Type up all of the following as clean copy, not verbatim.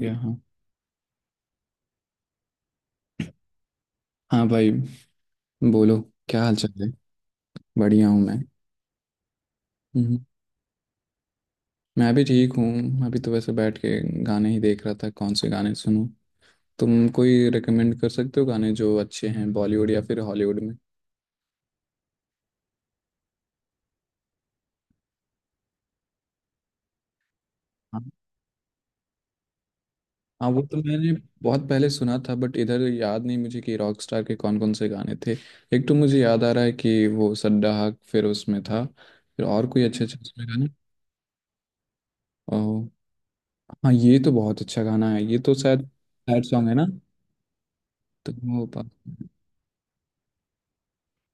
या हाँ। हाँ भाई, बोलो। क्या हाल चाल है? बढ़िया हूँ मैं। हम्म, मैं भी ठीक हूँ, अभी तो वैसे बैठ के गाने ही देख रहा था कौन से गाने सुनूं। तुम कोई रिकमेंड कर सकते हो गाने जो अच्छे हैं बॉलीवुड या फिर हॉलीवुड में? हाँ। हाँ, वो तो मैंने बहुत पहले सुना था बट इधर याद नहीं मुझे कि रॉक स्टार के कौन कौन से गाने थे। एक तो मुझे याद आ रहा है कि वो सड्डा हक फिर उसमें था। फिर और कोई अच्छे अच्छे उसमें गाने। ओ। हाँ, ये तो बहुत अच्छा गाना है, ये तो शायद सैड सॉन्ग है ना। तो वो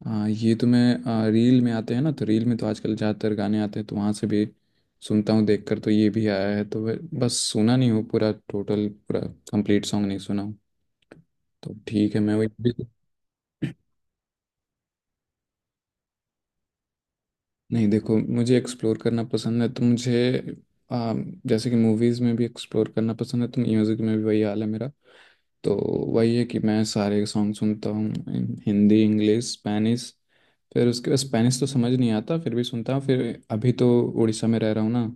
हाँ, ये तो मैं रील में आते हैं ना, तो रील में तो आजकल ज़्यादातर गाने आते हैं तो वहाँ से भी सुनता हूँ देखकर। तो ये भी आया है, तो बस सुना नहीं हूँ पूरा, टोटल पूरा कंप्लीट सॉन्ग नहीं सुना हूँ। तो ठीक है, मैं वही बिल्कुल। नहीं देखो, मुझे एक्सप्लोर करना पसंद है तो मुझे आ, जैसे कि मूवीज़ में भी एक्सप्लोर करना पसंद है तो म्यूज़िक में भी वही हाल है मेरा। तो वही है कि मैं सारे सॉन्ग सुनता हूँ, हिंदी, इंग्लिश, स्पेनिश। फिर उसके बाद स्पेनिश तो समझ नहीं आता, फिर भी सुनता हूँ। फिर अभी तो उड़ीसा में रह रहा हूँ ना,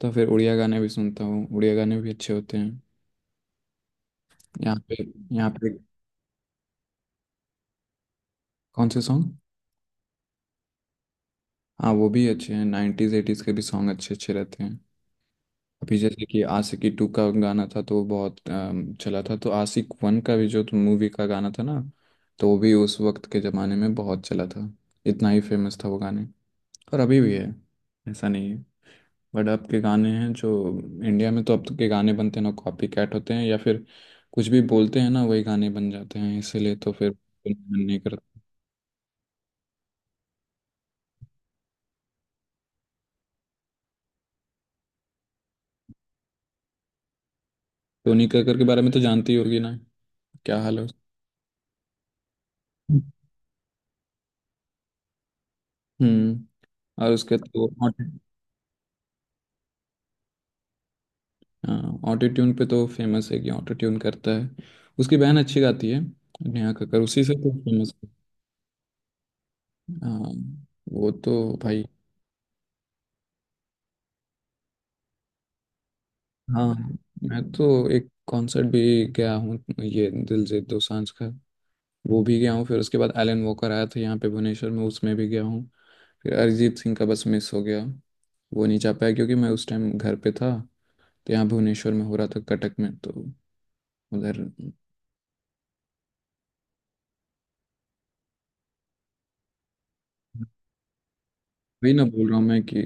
तो फिर उड़िया गाने भी सुनता हूँ, उड़िया गाने भी अच्छे होते हैं। यहाँ पे यहाँ पे कौन से सॉन्ग? हाँ, वो भी अच्छे हैं। नाइन्टीज एटीज़ के भी सॉन्ग अच्छे अच्छे रहते हैं। अभी जैसे कि आशिकी टू का गाना था, तो वो बहुत चला था। तो आशिक वन का भी जो मूवी का गाना था ना, तो वो भी उस वक्त के ज़माने में बहुत चला था। इतना ही फेमस था वो गाने, और अभी भी है, ऐसा नहीं है। बट अब के गाने हैं जो इंडिया में, तो अब के गाने बनते हैं ना, कॉपी कैट होते हैं या फिर कुछ भी बोलते हैं ना, वही गाने बन जाते हैं, इसीलिए तो फिर मन नहीं करता। टोनी कक्कर के बारे में तो जानती होगी ना, क्या हाल है उसका। हम्म और उसके तो ऑटो ट्यून पे तो फेमस है कि ऑटो ट्यून करता है। उसकी बहन अच्छी गाती है, नेहा कक्कर, उसी से तो फेमस है। हाँ, वो तो भाई। हाँ, मैं तो एक कॉन्सर्ट भी गया हूँ ये दिलजीत दोसांझ का, वो भी गया हूँ। फिर उसके बाद एलन वोकर आया था यहाँ पे भुवनेश्वर में, उसमें भी गया हूँ। फिर अरिजीत सिंह का बस मिस हो गया, वो नहीं जा पाया क्योंकि मैं उस टाइम घर पे था। तो यहाँ भुवनेश्वर में हो रहा था, कटक में, तो उधर। वही ना बोल रहा हूँ मैं कि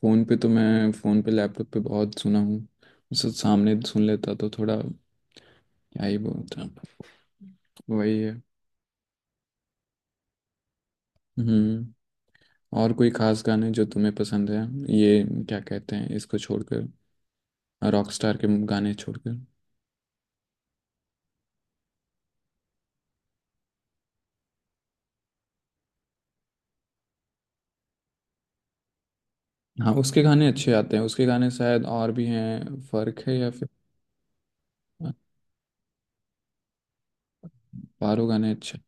फ़ोन पे तो मैं, फ़ोन पे लैपटॉप पे बहुत सुना हूँ, उसे सामने सुन लेता तो थोड़ा क्या ही बोलता। वही है। हम्म। और कोई खास गाने जो तुम्हें पसंद है, ये क्या कहते हैं, इसको छोड़कर, रॉकस्टार के गाने छोड़कर? हाँ, उसके गाने अच्छे आते हैं, उसके गाने शायद और भी हैं, फर्क है या फिर पारो। गाने अच्छे।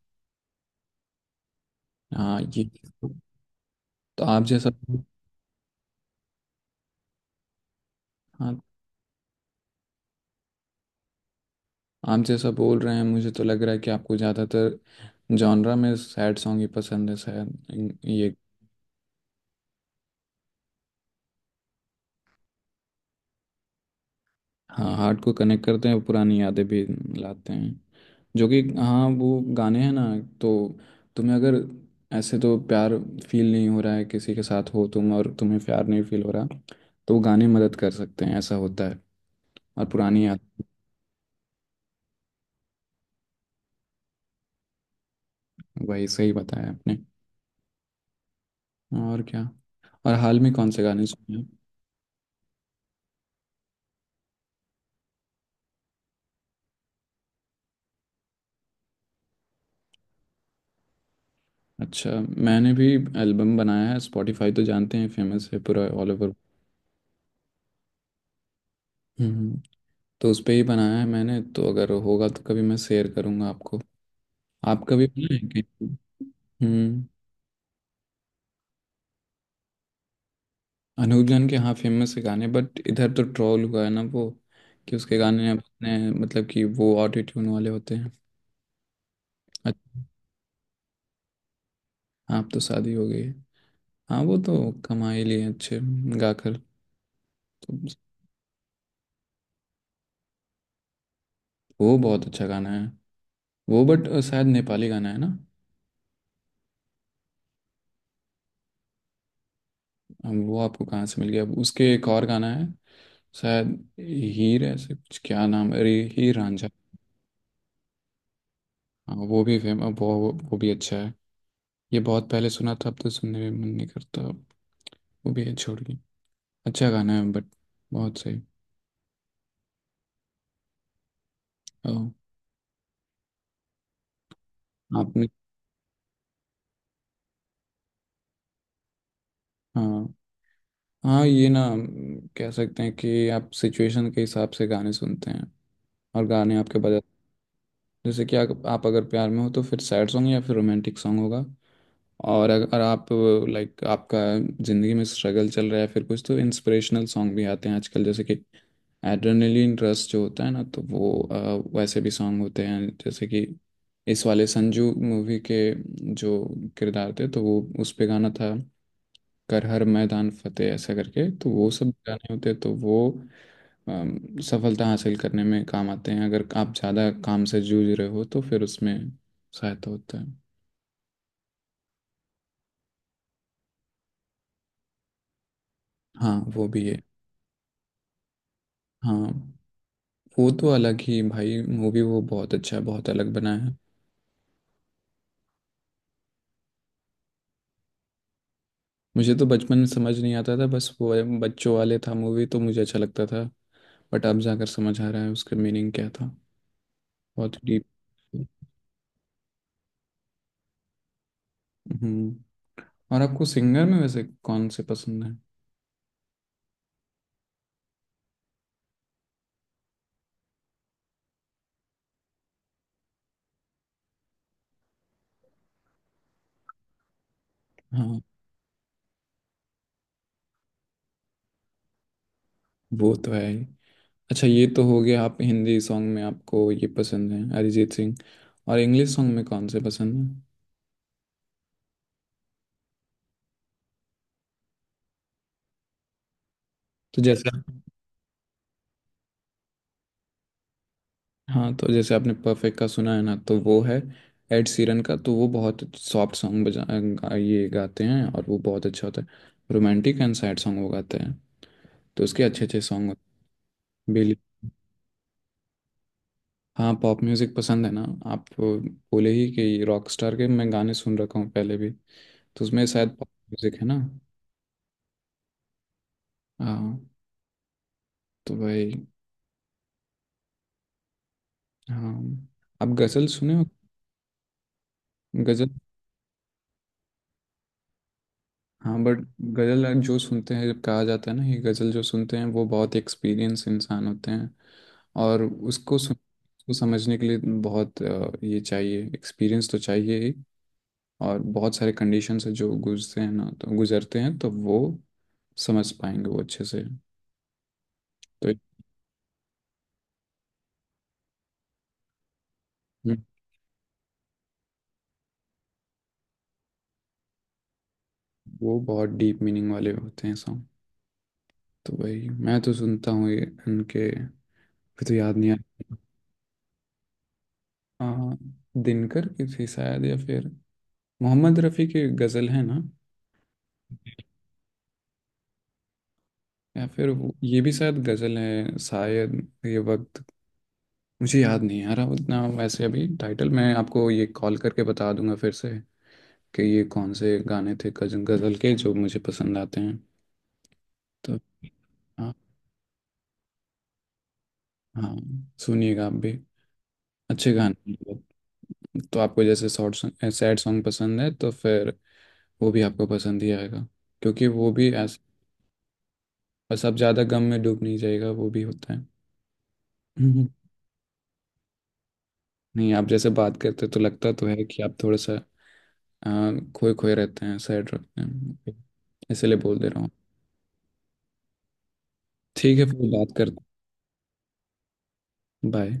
हाँ ये। तो आप जैसा। हाँ, आप जैसा बोल रहे हैं, मुझे तो लग रहा है कि आपको ज़्यादातर जॉनरा में सैड सॉन्ग ही पसंद है शायद ये। हाँ, हार्ट को कनेक्ट करते हैं, पुरानी यादें भी लाते हैं, जो कि हाँ वो गाने हैं ना। तो तुम्हें अगर ऐसे तो प्यार फील नहीं हो रहा है, किसी के साथ हो तुम और तुम्हें प्यार नहीं फील हो रहा, तो वो गाने मदद कर सकते हैं, ऐसा होता है। और पुरानी याद। वही सही बताया आपने। और क्या, और हाल में कौन से गाने सुने हैं? अच्छा। मैंने भी एल्बम बनाया है, स्पॉटिफाई तो जानते हैं, फेमस है पूरा ऑल ओवर। हम्म। तो उस पे ही बनाया है मैंने, तो अगर होगा तो कभी मैं शेयर करूँगा आपको। आपका भी बना है क्या? हम्म। अनूप जान के हाँ फेमस है गाने, बट इधर तो ट्रोल हुआ है ना वो, कि उसके गाने अब अपने मतलब कि वो ऑटो ट्यून वाले होते हैं। अच्छा। आप तो शादी हो गई है। हाँ वो तो कमा ही लिए अच्छे, गाकर। तो वो बहुत अच्छा गाना है वो, बट शायद नेपाली गाना है ना। अब वो आपको कहाँ से मिल गया? अब उसके एक और गाना है शायद, हीर ऐसे कुछ, क्या नाम है? अरे, हीर रांझा। हाँ, वो भी फेमस। वो भी अच्छा है। ये बहुत पहले सुना था, अब तो सुनने में मन नहीं करता अब। वो भी है, छोड़िए। अच्छा गाना है बट। बहुत सही। ओ, आपने। हाँ। हाँ ये ना कह सकते हैं कि आप सिचुएशन के हिसाब से गाने सुनते हैं और गाने आपके बजाय। जैसे कि आप अगर प्यार में हो तो फिर सैड सॉन्ग या फिर रोमांटिक सॉन्ग होगा। और अगर आप लाइक आपका ज़िंदगी में स्ट्रगल चल रहा है, फिर कुछ तो इंस्पिरेशनल सॉन्ग भी आते हैं आजकल, जैसे कि एड्रेनलिन रश जो होता है ना, तो वो वैसे भी सॉन्ग होते हैं, जैसे कि इस वाले संजू मूवी के, जो किरदार थे तो वो उस पे गाना था, कर हर मैदान फतेह ऐसा करके, तो वो सब गाने होते हैं, तो वो सफलता हासिल करने में काम आते हैं, अगर आप ज़्यादा काम से जूझ रहे हो तो फिर उसमें सहायता होता है। हाँ वो भी है। हाँ वो तो अलग ही भाई मूवी, वो बहुत अच्छा, बहुत अलग बना है। मुझे तो बचपन में समझ नहीं आता था, बस वो बच्चों वाले था मूवी तो मुझे अच्छा लगता था। बट अब जाकर समझ आ रहा है उसका मीनिंग क्या था, बहुत डीप। हम्म। और आपको सिंगर में वैसे कौन से पसंद है? हाँ वो तो है ही। अच्छा, ये तो हो गया, आप हिंदी सॉन्ग में आपको ये पसंद है अरिजीत सिंह। और इंग्लिश सॉन्ग में कौन से पसंद है? तो जैसे। हाँ, तो जैसे आपने परफेक्ट का सुना है ना, तो वो है एड सीरन का। तो वो बहुत सॉफ्ट सॉन्ग ये गाते हैं और वो बहुत अच्छा होता है। रोमांटिक एंड सैड सॉन्ग वो गाते हैं, तो उसके अच्छे अच्छे सॉन्ग होते हैं बेली। हाँ, पॉप म्यूजिक पसंद है ना। आप बोले ही कि रॉक स्टार के मैं गाने सुन रखा हूँ पहले भी, तो उसमें शायद पॉप म्यूजिक है ना। हाँ, तो भाई। हाँ, आप गज़ल सुने हो? गज़ल। हाँ बट गज़ल जो सुनते हैं, जब कहा जाता है ना ये गज़ल जो सुनते हैं, वो बहुत एक्सपीरियंस इंसान होते हैं। और उसको सुन, उसको समझने के लिए बहुत ये चाहिए, एक्सपीरियंस तो चाहिए ही। और बहुत सारे कंडीशन से जो गुजरते हैं ना तो गुजरते हैं, तो वो समझ पाएंगे वो अच्छे से। तो हम्म, वो बहुत डीप मीनिंग वाले होते हैं सॉन्ग। तो वही मैं तो सुनता हूँ ये उनके। फिर तो याद नहीं आ, आ, दिनकर की थी शायद, या फिर मोहम्मद रफ़ी की गज़ल है ना। या फिर वो ये भी शायद गज़ल है, शायद ये वक्त। मुझे याद नहीं आ रहा उतना वैसे अभी टाइटल, मैं आपको ये कॉल करके बता दूंगा फिर से कि ये कौन से गाने थे, गजल गजल के जो मुझे पसंद आते हैं। तो हाँ। हाँ, सुनिएगा आप भी, अच्छे गाने हैं बहुत। तो आपको जैसे शॉर्ट सैड सॉन्ग पसंद है, तो फिर वो भी आपको पसंद ही आएगा, क्योंकि वो भी बस आप ज़्यादा गम में डूब नहीं जाएगा, वो भी होता है। हम्म। नहीं, आप जैसे बात करते तो लगता तो है कि आप थोड़ा सा आ, खोए खोए रहते हैं, सैड रहते हैं, इसलिए बोल दे रहा हूँ। ठीक है, फिर बात करते। बाय।